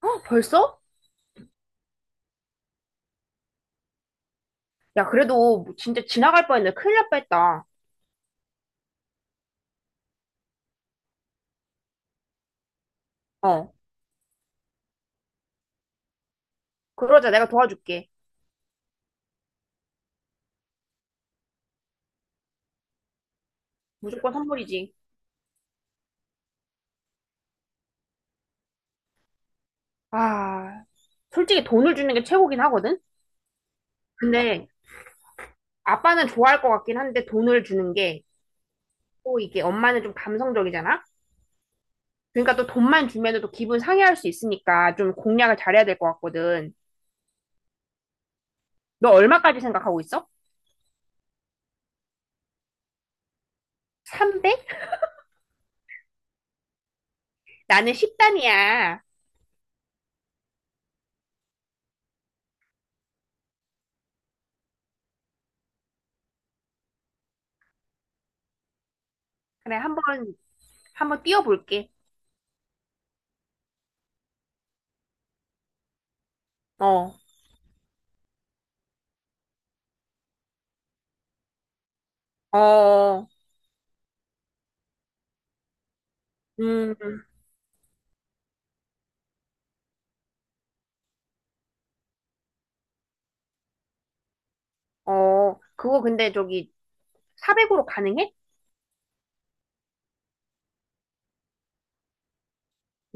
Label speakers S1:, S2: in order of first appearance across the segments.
S1: 어, 벌써? 야, 그래도 뭐 진짜 지나갈 뻔했네. 큰일 날 뻔했다. 어, 그러자. 내가 도와줄게. 무조건 선물이지. 아, 솔직히 돈을 주는 게 최고긴 하거든? 근데 아빠는 좋아할 것 같긴 한데, 돈을 주는 게 또 이게, 엄마는 좀 감성적이잖아? 그러니까 또 돈만 주면 또 기분 상해할 수 있으니까 좀 공략을 잘해야 될 것 같거든. 너 얼마까지 생각하고 있어? 300? 나는 10단이야. 그래, 한번, 한번 띄워볼게. 어, 어, 음. 어, 그거 근데 저기 400으로 가능해?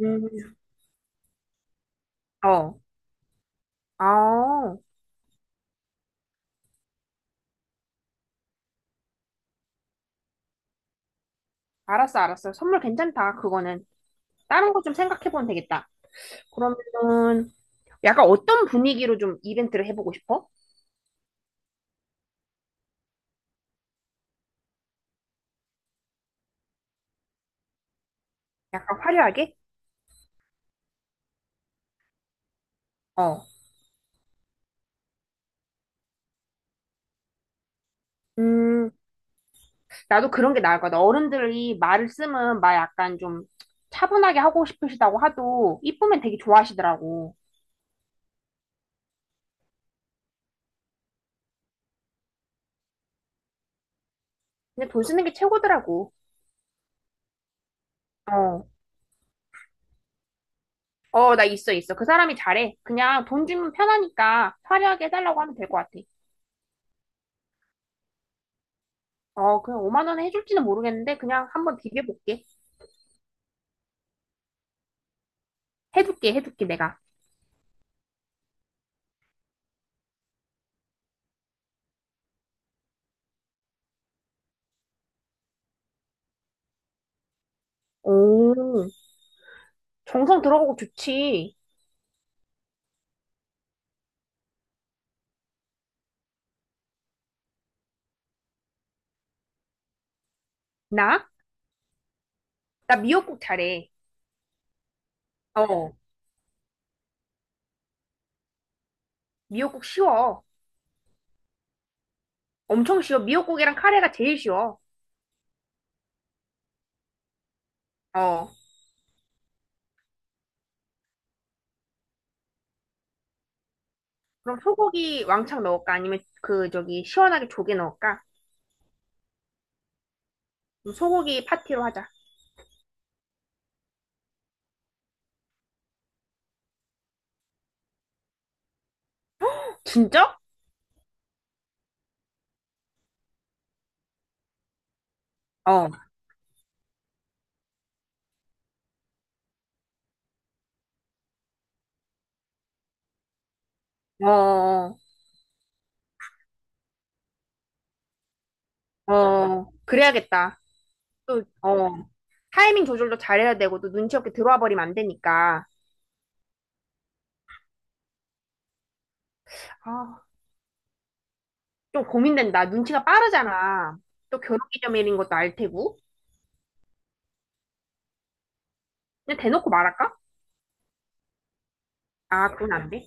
S1: 음. 어. 아, 알았어, 알았어. 선물 괜찮다, 그거는. 다른 거 좀 생각해보면 되겠다. 그러면은, 약간 어떤 분위기로 좀 이벤트를 해보고 싶어? 약간 화려하게? 어. 음, 나도 그런 게 나을 것 같아. 어른들이 말을 쓰면 막 약간 좀 차분하게 하고 싶으시다고 하도, 이쁘면 되게 좋아하시더라고. 근데 돈 쓰는 게 최고더라고. 어. 어, 나 있어, 있어. 그 사람이 잘해. 그냥 돈 주면 편하니까 화려하게 해달라고 하면 될 것 같아. 어, 그냥 5만 원에 해줄지는 모르겠는데, 그냥 한번 비벼볼게. 해줄게, 해줄게, 내가. 오, 정성 들어가고 좋지. 나? 나 미역국 잘해. 어, 미역국 쉬워. 엄청 쉬워. 미역국이랑 카레가 제일 쉬워. 어, 그럼 소고기 왕창 넣을까? 아니면 그, 저기, 시원하게 조개 넣을까? 그럼 소고기 파티로 하자. 진짜? 어, 어, 어, 어. 그래야겠다. 또, 어. 타이밍 조절도 잘해야 되고 또 눈치 없게 들어와 버리면 안 되니까, 아, 좀 고민된다. 눈치가 빠르잖아. 또 결혼 기념일인 것도 알 테고, 그냥 대놓고 말할까? 아, 그건 안 돼.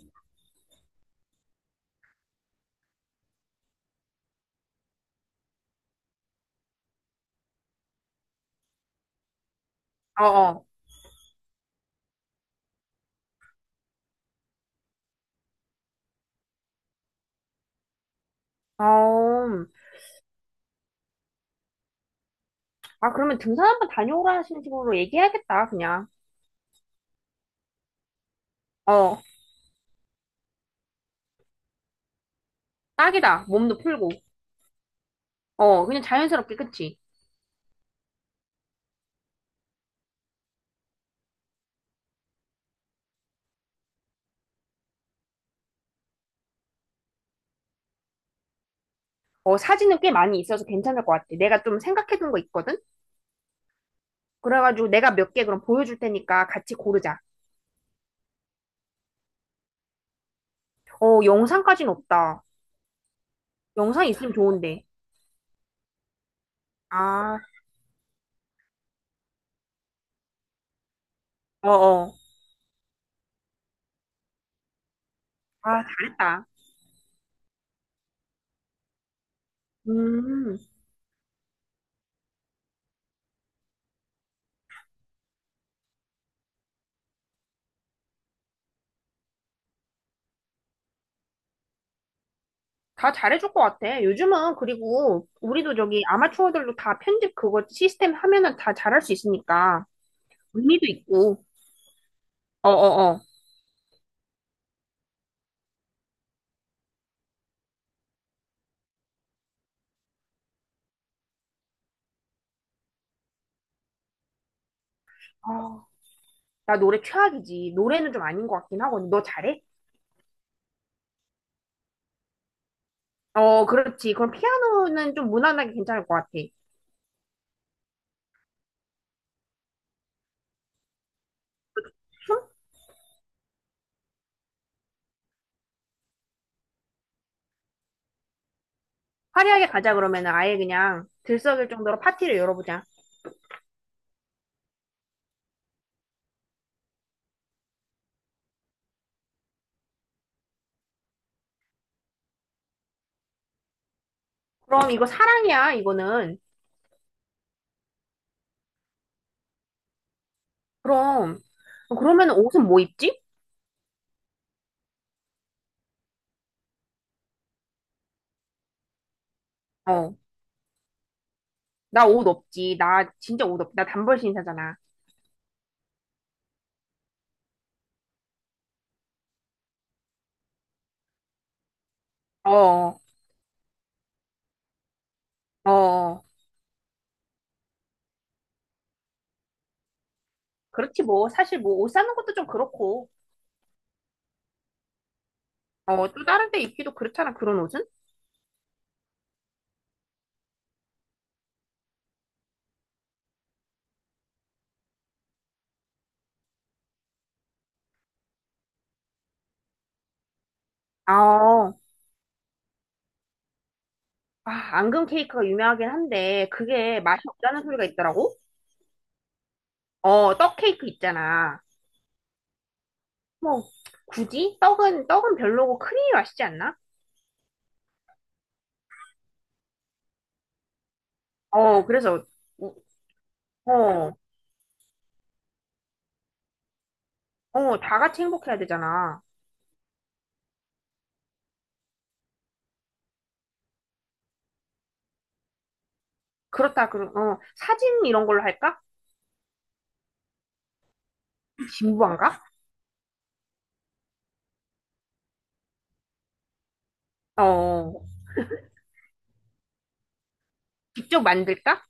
S1: 어어. 어. 어. 음. 아, 그러면 등산 한번 다녀오라는 식으로 얘기해야겠다, 그냥. 어, 딱이다. 몸도 풀고. 어, 그냥 자연스럽게, 그치? 어, 사진은 꽤 많이 있어서 괜찮을 것 같아. 내가 좀 생각해둔 거 있거든? 그래가지고 내가 몇 개 그럼 보여줄 테니까 같이 고르자. 어, 영상까진 없다. 영상 있으면 좋은데. 아, 어어. 아, 잘했다. 음, 다 잘해줄 것 같아. 요즘은 그리고 우리도 저기 아마추어들도 다 편집 그거 시스템 하면은 다 잘할 수 있으니까 의미도 있고. 어어어. 아, 나 노래 최악이지. 노래는 좀 아닌 것 같긴 하거든. 너 잘해? 어, 그렇지. 그럼 피아노는 좀 무난하게 괜찮을 것 같아. 춤? 화려하게 가자. 그러면은 아예 그냥 들썩일 정도로 파티를 열어보자. 그럼 이거 사랑이야, 이거는. 그럼, 그러면 옷은 뭐 입지? 어. 나 옷 없지. 나 진짜 옷 없지. 나 단벌 신사잖아. 어, 어. 그렇지 뭐. 사실 뭐 옷 사는 것도 좀 그렇고. 어, 또 다른 데 입기도 그렇잖아. 그런 옷은. 아, 어. 아, 앙금 케이크가 유명하긴 한데 그게 맛이 없다는 소리가 있더라고. 어, 떡 케이크 있잖아. 뭐 굳이 떡은 별로고 크림이 맛있지 않나? 어, 그래서 우- 어, 어, 다 같이 행복해야 되잖아. 그렇다. 그럼 사진 이런 걸로 할까? 진부한가? 어, 직접 만들까?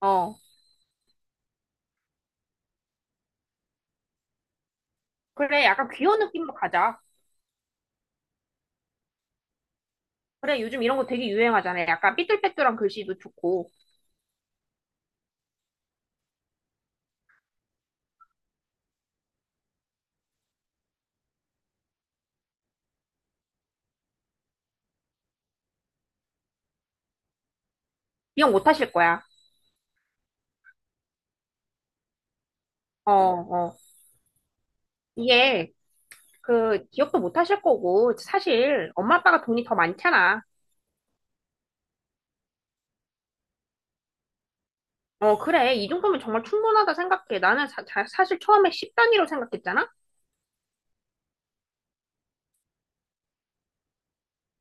S1: 어. 그래, 약간 귀여운 느낌으로 가자. 그래, 요즘 이런 거 되게 유행하잖아요. 약간 삐뚤빼뚤한 글씨도 좋고. 기억 못 하실 거야. 어, 어. 이게, 그, 기억도 못 하실 거고, 사실, 엄마 아빠가 돈이 더 많잖아. 어, 그래. 이 정도면 정말 충분하다 생각해. 나는 사, 실 처음에 10단위로 생각했잖아?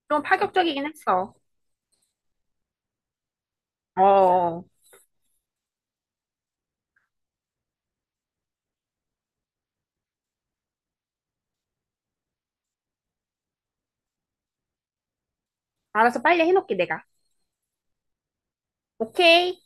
S1: 좀 파격적이긴 했어. 어, 어. 알아서 빨리 해놓게, 내가. 오케이.